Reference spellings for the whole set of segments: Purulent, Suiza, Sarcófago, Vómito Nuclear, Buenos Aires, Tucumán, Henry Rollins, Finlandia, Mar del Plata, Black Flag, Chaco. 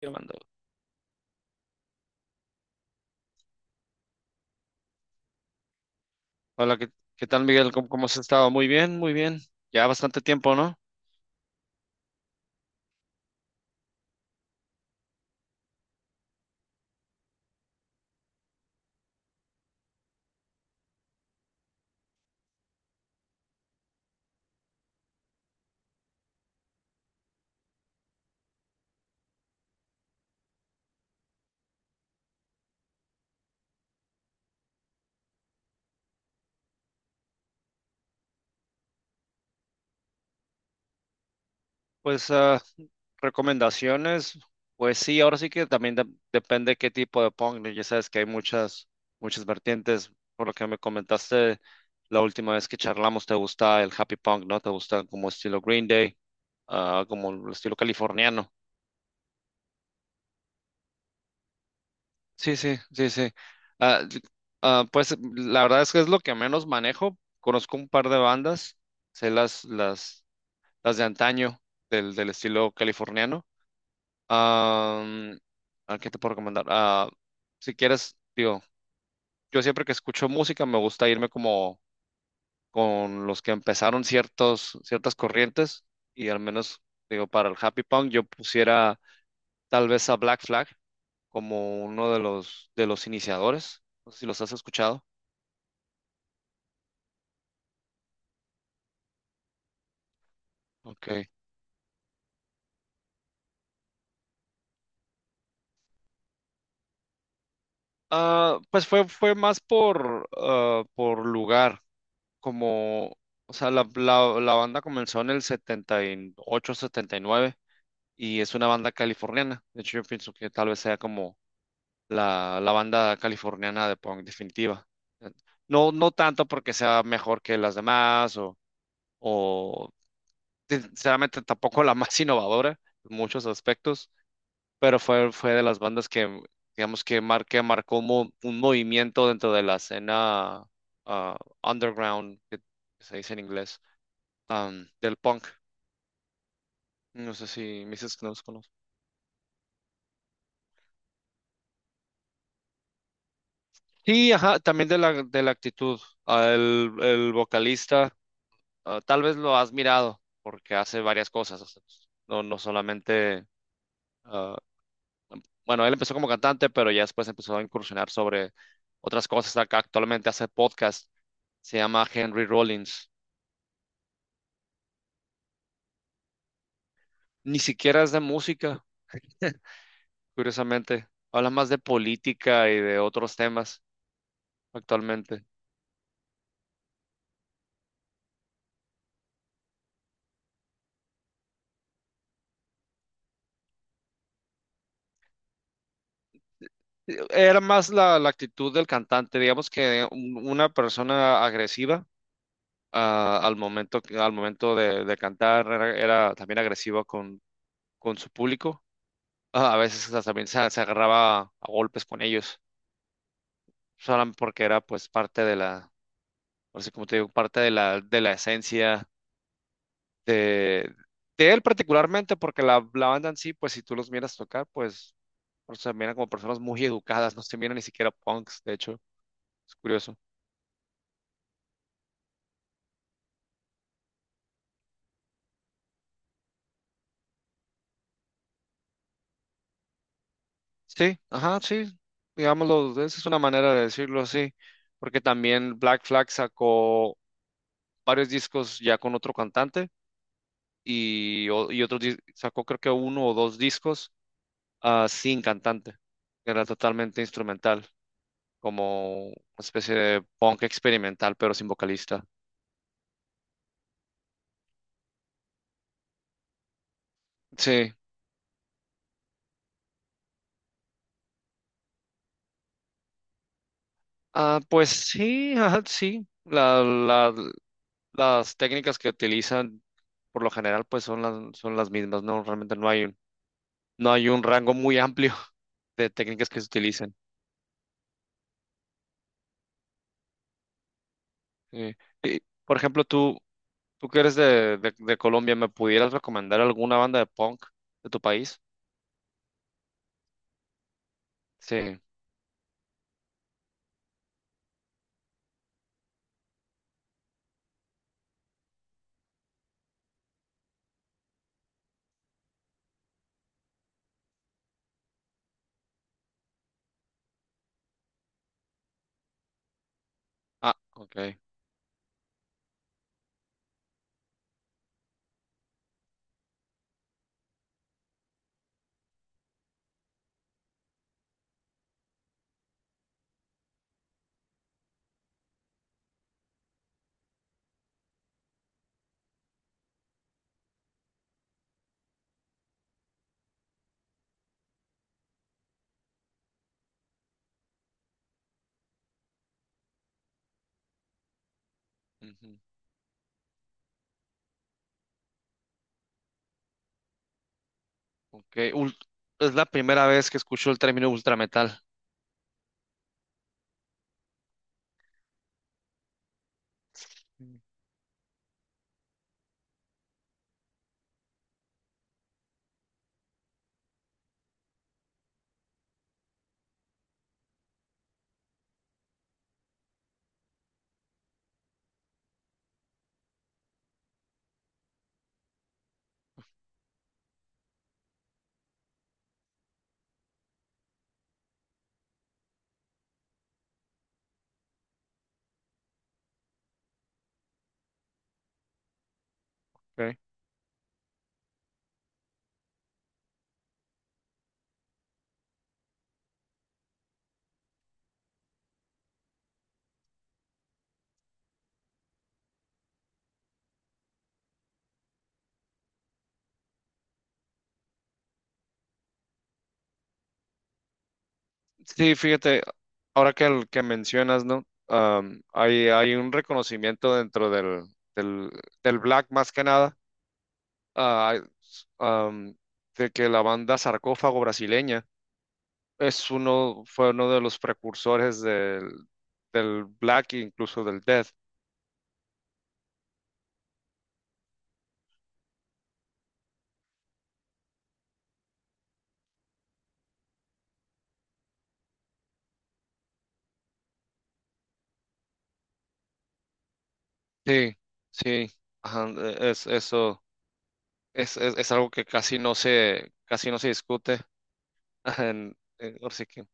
Yo mando. Hola, ¿qué tal, Miguel? ¿Cómo has estado? Muy bien, muy bien. Ya bastante tiempo, ¿no? Pues recomendaciones, pues sí, ahora sí que también depende qué tipo de punk, ¿no? Ya sabes que hay muchas vertientes. Por lo que me comentaste la última vez que charlamos, te gusta el happy punk, ¿no? Te gusta como estilo Green Day, como el estilo californiano. Sí, sí, sí, sí. Ah, d- pues la verdad es que es lo que menos manejo. Conozco un par de bandas, sé las de antaño, del estilo californiano. Am, ¿a ¿Qué te puedo recomendar? Si quieres, digo, yo siempre que escucho música me gusta irme como con los que empezaron ciertas corrientes y al menos, digo, para el happy punk yo pusiera tal vez a Black Flag como uno de los iniciadores. No sé si los has escuchado. Ok. Pues fue más por, por lugar. Como, o sea, la banda comenzó en el 78, 79 y nueve y es una banda californiana. De hecho, yo pienso que tal vez sea como la banda californiana de punk definitiva. No, no tanto porque sea mejor que las demás o sinceramente tampoco la más innovadora en muchos aspectos, pero fue de las bandas que digamos que marcó un movimiento dentro de la escena ah, underground, que se dice en inglés, del punk. No sé si me dices que no los conozco. Sí, ajá, también de la actitud. El vocalista, tal vez lo has mirado, porque hace varias cosas. O sea, no, no solamente. ah, bueno, él empezó como cantante, pero ya después empezó a incursionar sobre otras cosas. Actualmente hace podcast, se llama Henry Rollins. Ni siquiera es de música, curiosamente. Habla más de política y de otros temas actualmente. Era más la actitud del cantante, digamos que una persona agresiva, al momento, al momento de cantar era también agresiva con su público. A veces hasta también se agarraba a golpes con ellos, solamente porque era pues parte de la, así como te digo, parte de la esencia de, de él particularmente, porque la banda en sí, pues si tú los miras tocar, pues o sea, miran como personas muy educadas, no se miran ni siquiera punks, de hecho, es curioso. Sí, ajá, sí, digámoslo, esa es una manera de decirlo así, porque también Black Flag sacó varios discos ya con otro cantante y otros sacó creo que uno o dos discos sin cantante, que era totalmente instrumental, como una especie de punk experimental, pero sin vocalista. Sí, pues sí, ajá, sí, las técnicas que utilizan por lo general pues son las mismas, ¿no? Realmente no hay un rango muy amplio de técnicas que se utilizan. Eh, y, por ejemplo, tú que eres de Colombia, ¿me pudieras recomendar alguna banda de punk de tu país? Sí. Ah, ok. Ujú, ok. Es la primera vez que escucho el término ultrametal. Mm, ok. Sí, fíjate, ahora que mencionas, ¿no? Hay un reconocimiento dentro del, del black más que nada, ah, am, de que la banda Sarcófago brasileña fue uno de los precursores del Black e incluso del Death. Sí, sí, ajá, eso es algo que casi no se discute. Ahora sí que,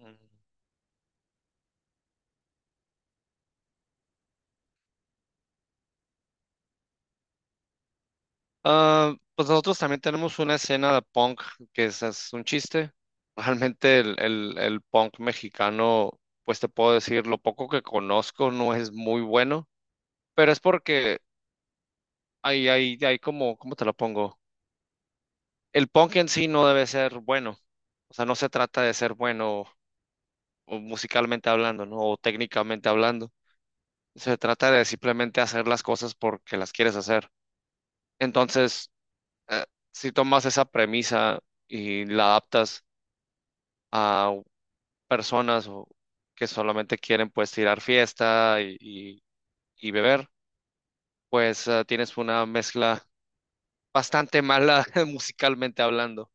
mm. Pues nosotros también tenemos una escena de punk que es un chiste. Realmente el punk mexicano, pues te puedo decir, lo poco que conozco no es muy bueno, pero es porque hay como, ¿cómo te lo pongo? El punk en sí no debe ser bueno. O sea, no se trata de ser bueno o musicalmente hablando, ¿no? O técnicamente hablando. Se trata de simplemente hacer las cosas porque las quieres hacer. Entonces, eh, si tomas esa premisa y la adaptas a personas que solamente quieren pues tirar fiesta y beber, pues tienes una mezcla bastante mala musicalmente hablando.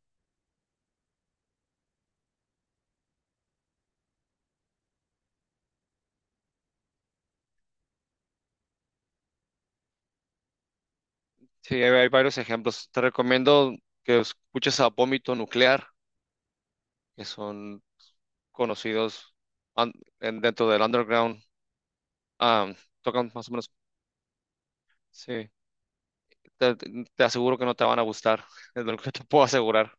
Sí, hay varios ejemplos. Te recomiendo que escuches a Vómito Nuclear, que son conocidos an- dentro del underground. Ah, Tocan más o menos. Sí, te aseguro que no te van a gustar, es lo que te puedo asegurar.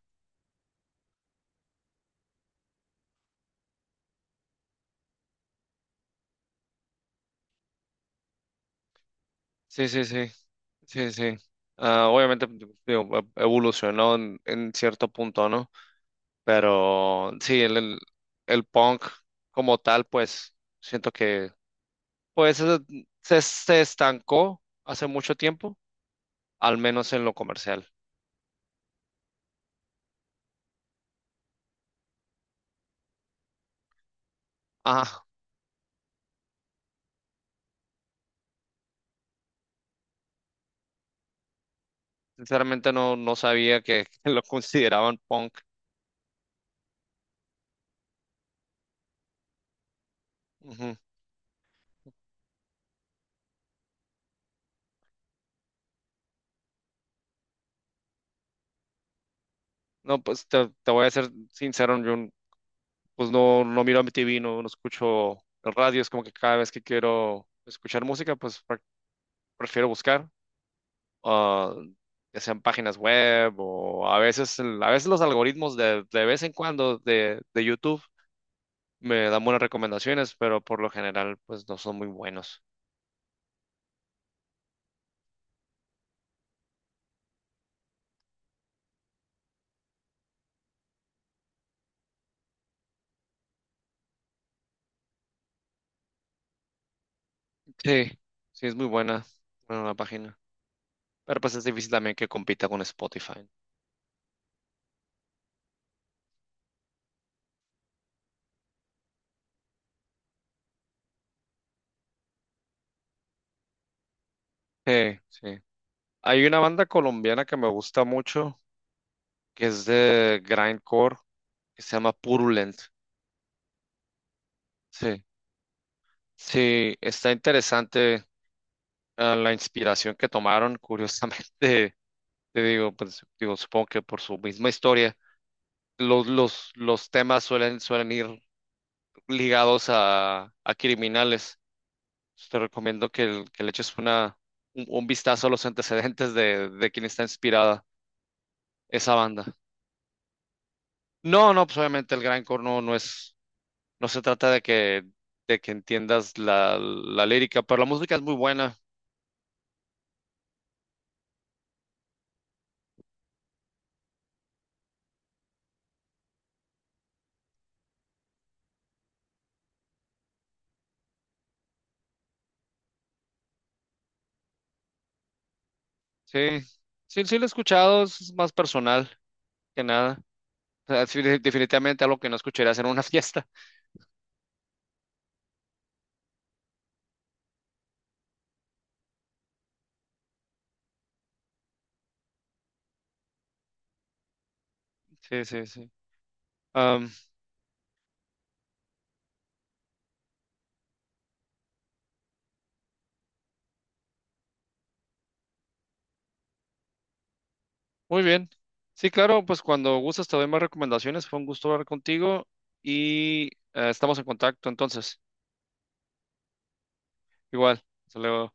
Sí, sí, sí, sí, sí. Obviamente digo, evolucionó en cierto punto, ¿no? Pero sí, el punk como tal, pues siento que pues se estancó hace mucho tiempo al menos en lo comercial. Ah, Sinceramente no sabía que lo consideraban punk. Ujú. No, pues te voy a ser sincero, pues no miro MTV, no escucho el radio, es como que cada vez que quiero escuchar música, pues prefiero buscar, ah, ya sean páginas web o a veces, a veces los algoritmos de vez en cuando de YouTube me dan buenas recomendaciones, pero por lo general pues no son muy buenos. Sí, sí es muy buena, bueno, la página. Pero pues es difícil también que compita con Spotify. Sí, sí. Hay una banda colombiana que me gusta mucho, que es de grindcore, que se llama Purulent. Sí, sí, está interesante, la inspiración que tomaron, curiosamente. Te digo, pues, digo, supongo que por su misma historia, los temas suelen ir ligados a criminales. Pues, te recomiendo que, que le eches un vistazo a los antecedentes de quien está inspirada esa banda. No, no, pues obviamente el gran no, no se trata de que entiendas la lírica, pero la música es muy buena, sí, sí, sí la he escuchado, es más personal que nada. O sea, sí, definitivamente algo que no escucharías en una fiesta, sí, sí, sí. Am, Muy bien, sí, claro, pues cuando gustes te doy más recomendaciones, fue un gusto hablar contigo y estamos en contacto entonces, igual, hasta luego.